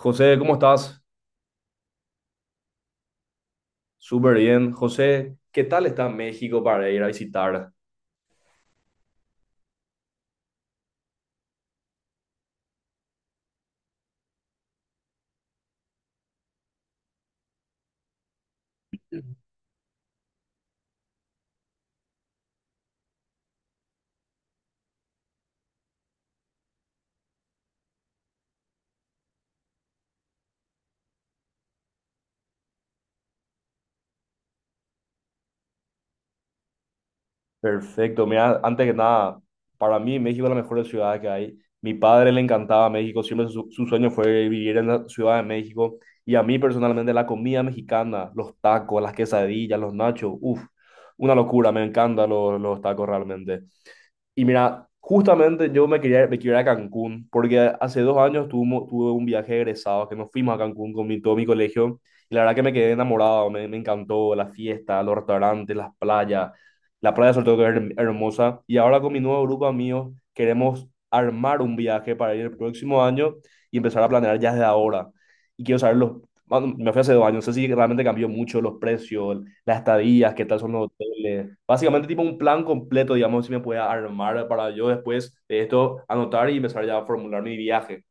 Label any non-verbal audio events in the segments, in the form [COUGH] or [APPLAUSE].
José, ¿cómo estás? Súper bien. José, ¿qué tal está México para ir a visitar? Perfecto. Mira, antes que nada, para mí México es la mejor ciudad que hay. Mi padre le encantaba México, siempre su sueño fue vivir en la Ciudad de México. Y a mí personalmente la comida mexicana, los tacos, las quesadillas, los nachos, uff, una locura, me encantan los tacos realmente. Y mira, justamente yo me quería ir a Cancún, porque hace dos años tuve un viaje de egresados que nos fuimos a Cancún con todo mi colegio, y la verdad que me quedé enamorado, me encantó la fiesta, los restaurantes, las playas, la playa sobre todo que es hermosa, y ahora con mi nuevo grupo de amigos queremos armar un viaje para ir el próximo año y empezar a planear ya desde ahora. Y quiero saber bueno, me fui hace dos años, no sé si realmente cambió mucho los precios, las estadías, qué tal son los hoteles. Básicamente tipo un plan completo, digamos, si me puede armar para yo después de esto anotar y empezar ya a formular mi viaje.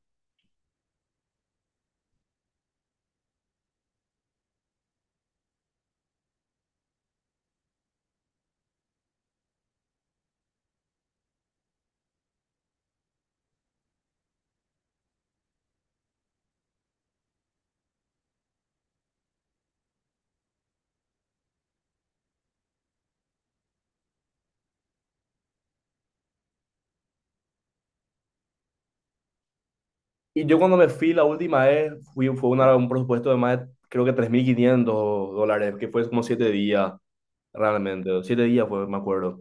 Y yo cuando me fui la última vez, fue un presupuesto de más de, creo que 3.500 dólares, que fue como 7 días, realmente. Siete días fue, me acuerdo.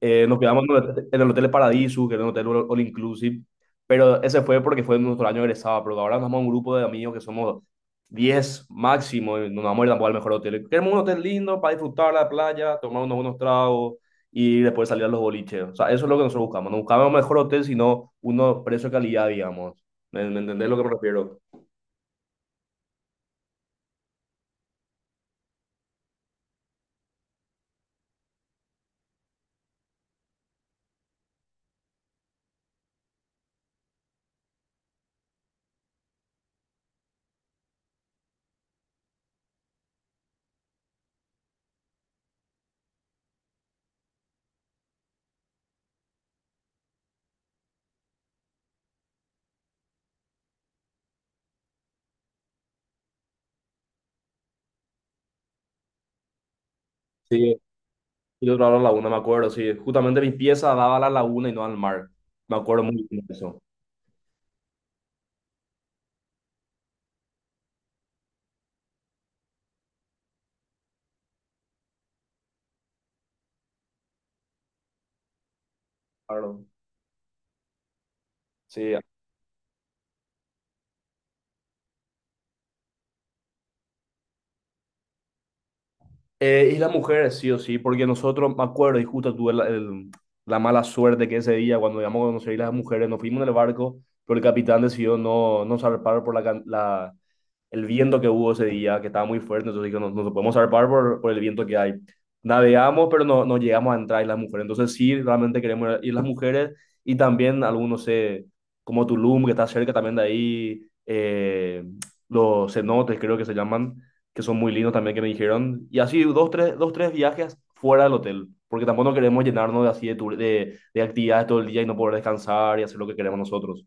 Nos quedamos en el hotel, en el Hotel Paradiso, que era un hotel all inclusive, pero ese fue porque fue nuestro año de egresado, pero ahora nos vamos a un grupo de amigos que somos 10 máximo y no nos vamos a ir tampoco al mejor hotel. Queremos un hotel lindo para disfrutar la playa, tomar unos buenos tragos y después salir a los boliches. O sea, eso es lo que nosotros buscamos. No buscamos un mejor hotel, sino uno precio-calidad, digamos. Me entendés lo que me refiero? Sí, y yo trabajaba en la laguna, me acuerdo, sí. Justamente mi pieza daba a la laguna y no al mar. Me acuerdo muy bien de eso. Claro. Sí. Y las mujeres, sí o sí, porque nosotros, me acuerdo, y justo tuve la mala suerte que ese día, cuando íbamos a conocer a las mujeres, nos fuimos en el barco, pero el capitán decidió no zarpar por el viento que hubo ese día, que estaba muy fuerte, entonces dijo, no, no podemos zarpar por el viento que hay. Navegamos, pero no llegamos a entrar y las mujeres, entonces sí, realmente queremos ir las mujeres, y también algunos, como Tulum, que está cerca también de ahí, los cenotes, creo que se llaman, que son muy lindos también que me dijeron. Y así dos, tres viajes fuera del hotel, porque tampoco no queremos llenarnos de así de actividades todo el día y no poder descansar y hacer lo que queremos nosotros.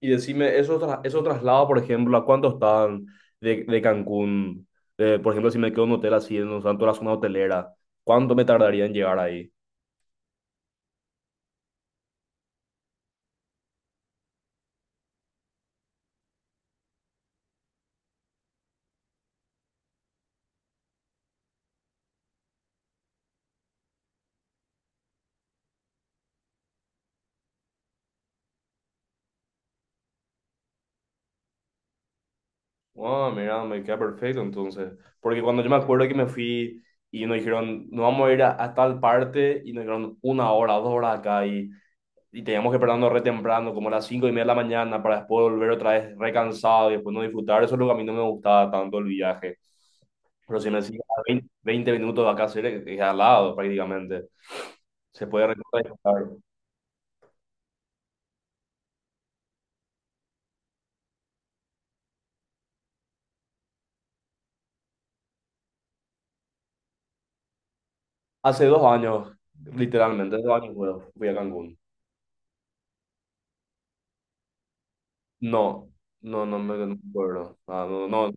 Y decime, esos traslados, por ejemplo, ¿a cuánto están de Cancún? Por ejemplo, si me quedo en un hotel así, en un santo de la zona hotelera, ¿cuánto me tardaría en llegar ahí? Ah, mira, me queda perfecto entonces. Porque cuando yo me acuerdo que me fui y nos dijeron, nos vamos a ir a tal parte, y nos dijeron una hora, dos horas acá, y teníamos que pararnos re temprano, como a las 5 y media de la mañana, para después volver otra vez recansado y después no disfrutar. Eso es lo que a mí no me gustaba tanto el viaje. Pero si me decís a 20, 20 minutos de acá, cerca, es al lado prácticamente. Se puede recorrer, claro. Hace dos años, literalmente, hace dos años fui a Cancún. No, no, no me acuerdo. Ah, no, no,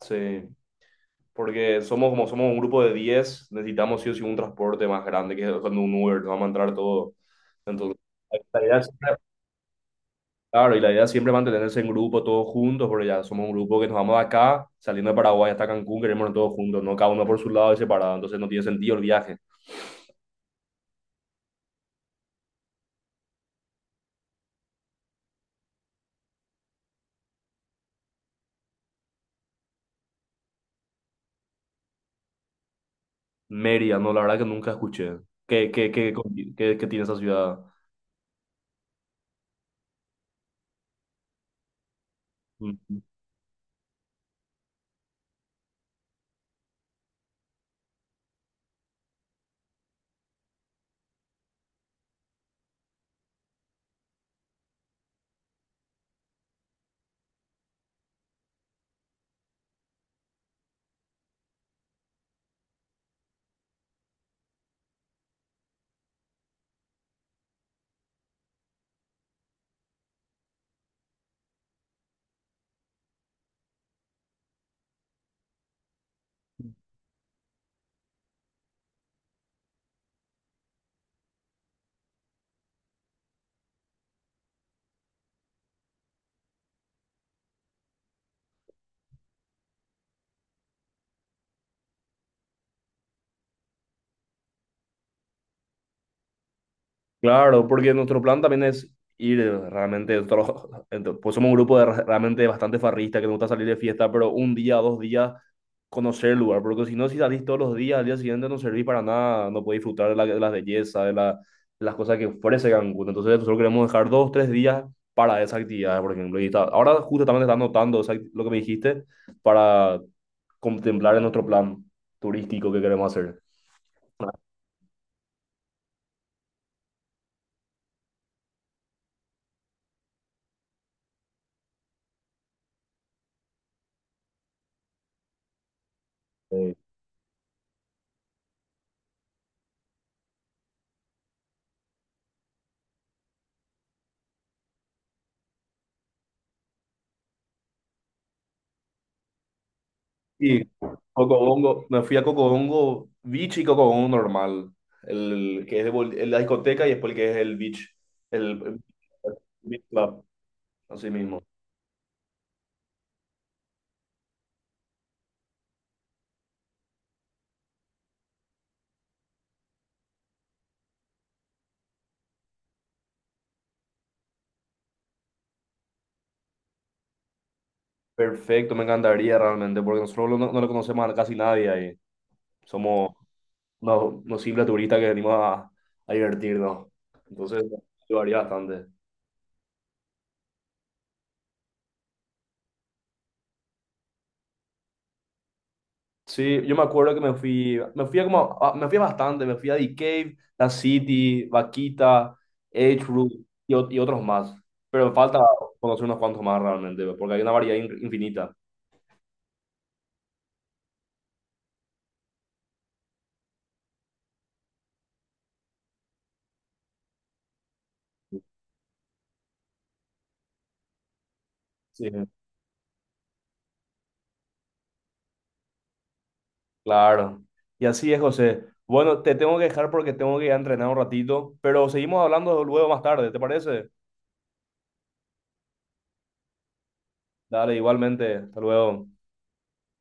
sí. Porque somos un grupo de diez, necesitamos sí o sí un transporte más grande, que es cuando un Uber, nos vamos a entrar todo. Entonces, la idea es... Claro, y la idea es siempre es mantenerse en grupo, todos juntos, porque ya somos un grupo que nos vamos de acá, saliendo de Paraguay hasta Cancún, queremos ir todos juntos, no cada uno por su lado y separado, entonces no tiene sentido el viaje. Mérida, no, la verdad que nunca escuché. ¿Qué, qué, qué, qué tiene esa ciudad? Mm. Claro, porque nuestro plan también es ir realmente, [LAUGHS] pues somos un grupo de realmente bastante farrista que nos gusta salir de fiesta, pero un día, dos días, conocer el lugar, porque si no, si salís todos los días, al día siguiente no servís para nada, no podés disfrutar de de las bellezas, de las cosas que ofrece Cancún. Entonces nosotros queremos dejar dos, tres días para esa actividad, por ejemplo. Y ahora justo también está anotando esa lo que me dijiste para contemplar en nuestro plan turístico que queremos hacer. Eh, Sí, Cocobongo, me fui a Cocobongo Beach y Cocobongo normal, el que es de bol- el la discoteca y después el que es el beach, el beach club, así mismo. Perfecto, me encantaría realmente, porque nosotros no lo conocemos a casi nadie ahí. Somos unos simples turistas que venimos a divertirnos. Entonces, varía bastante. Sí, yo me acuerdo que me fui a como, a- me fui a bastante, me fui a The Cave, La City, Vaquita, Edgewood y otros más. Pero me falta conocer unos cuantos más realmente, pues, porque hay una variedad infinita. Sí, claro. Y así es, José. Bueno, te tengo que dejar porque tengo que ir a entrenar un ratito, pero seguimos hablando luego más tarde, ¿te parece? Dale, igualmente. Hasta luego.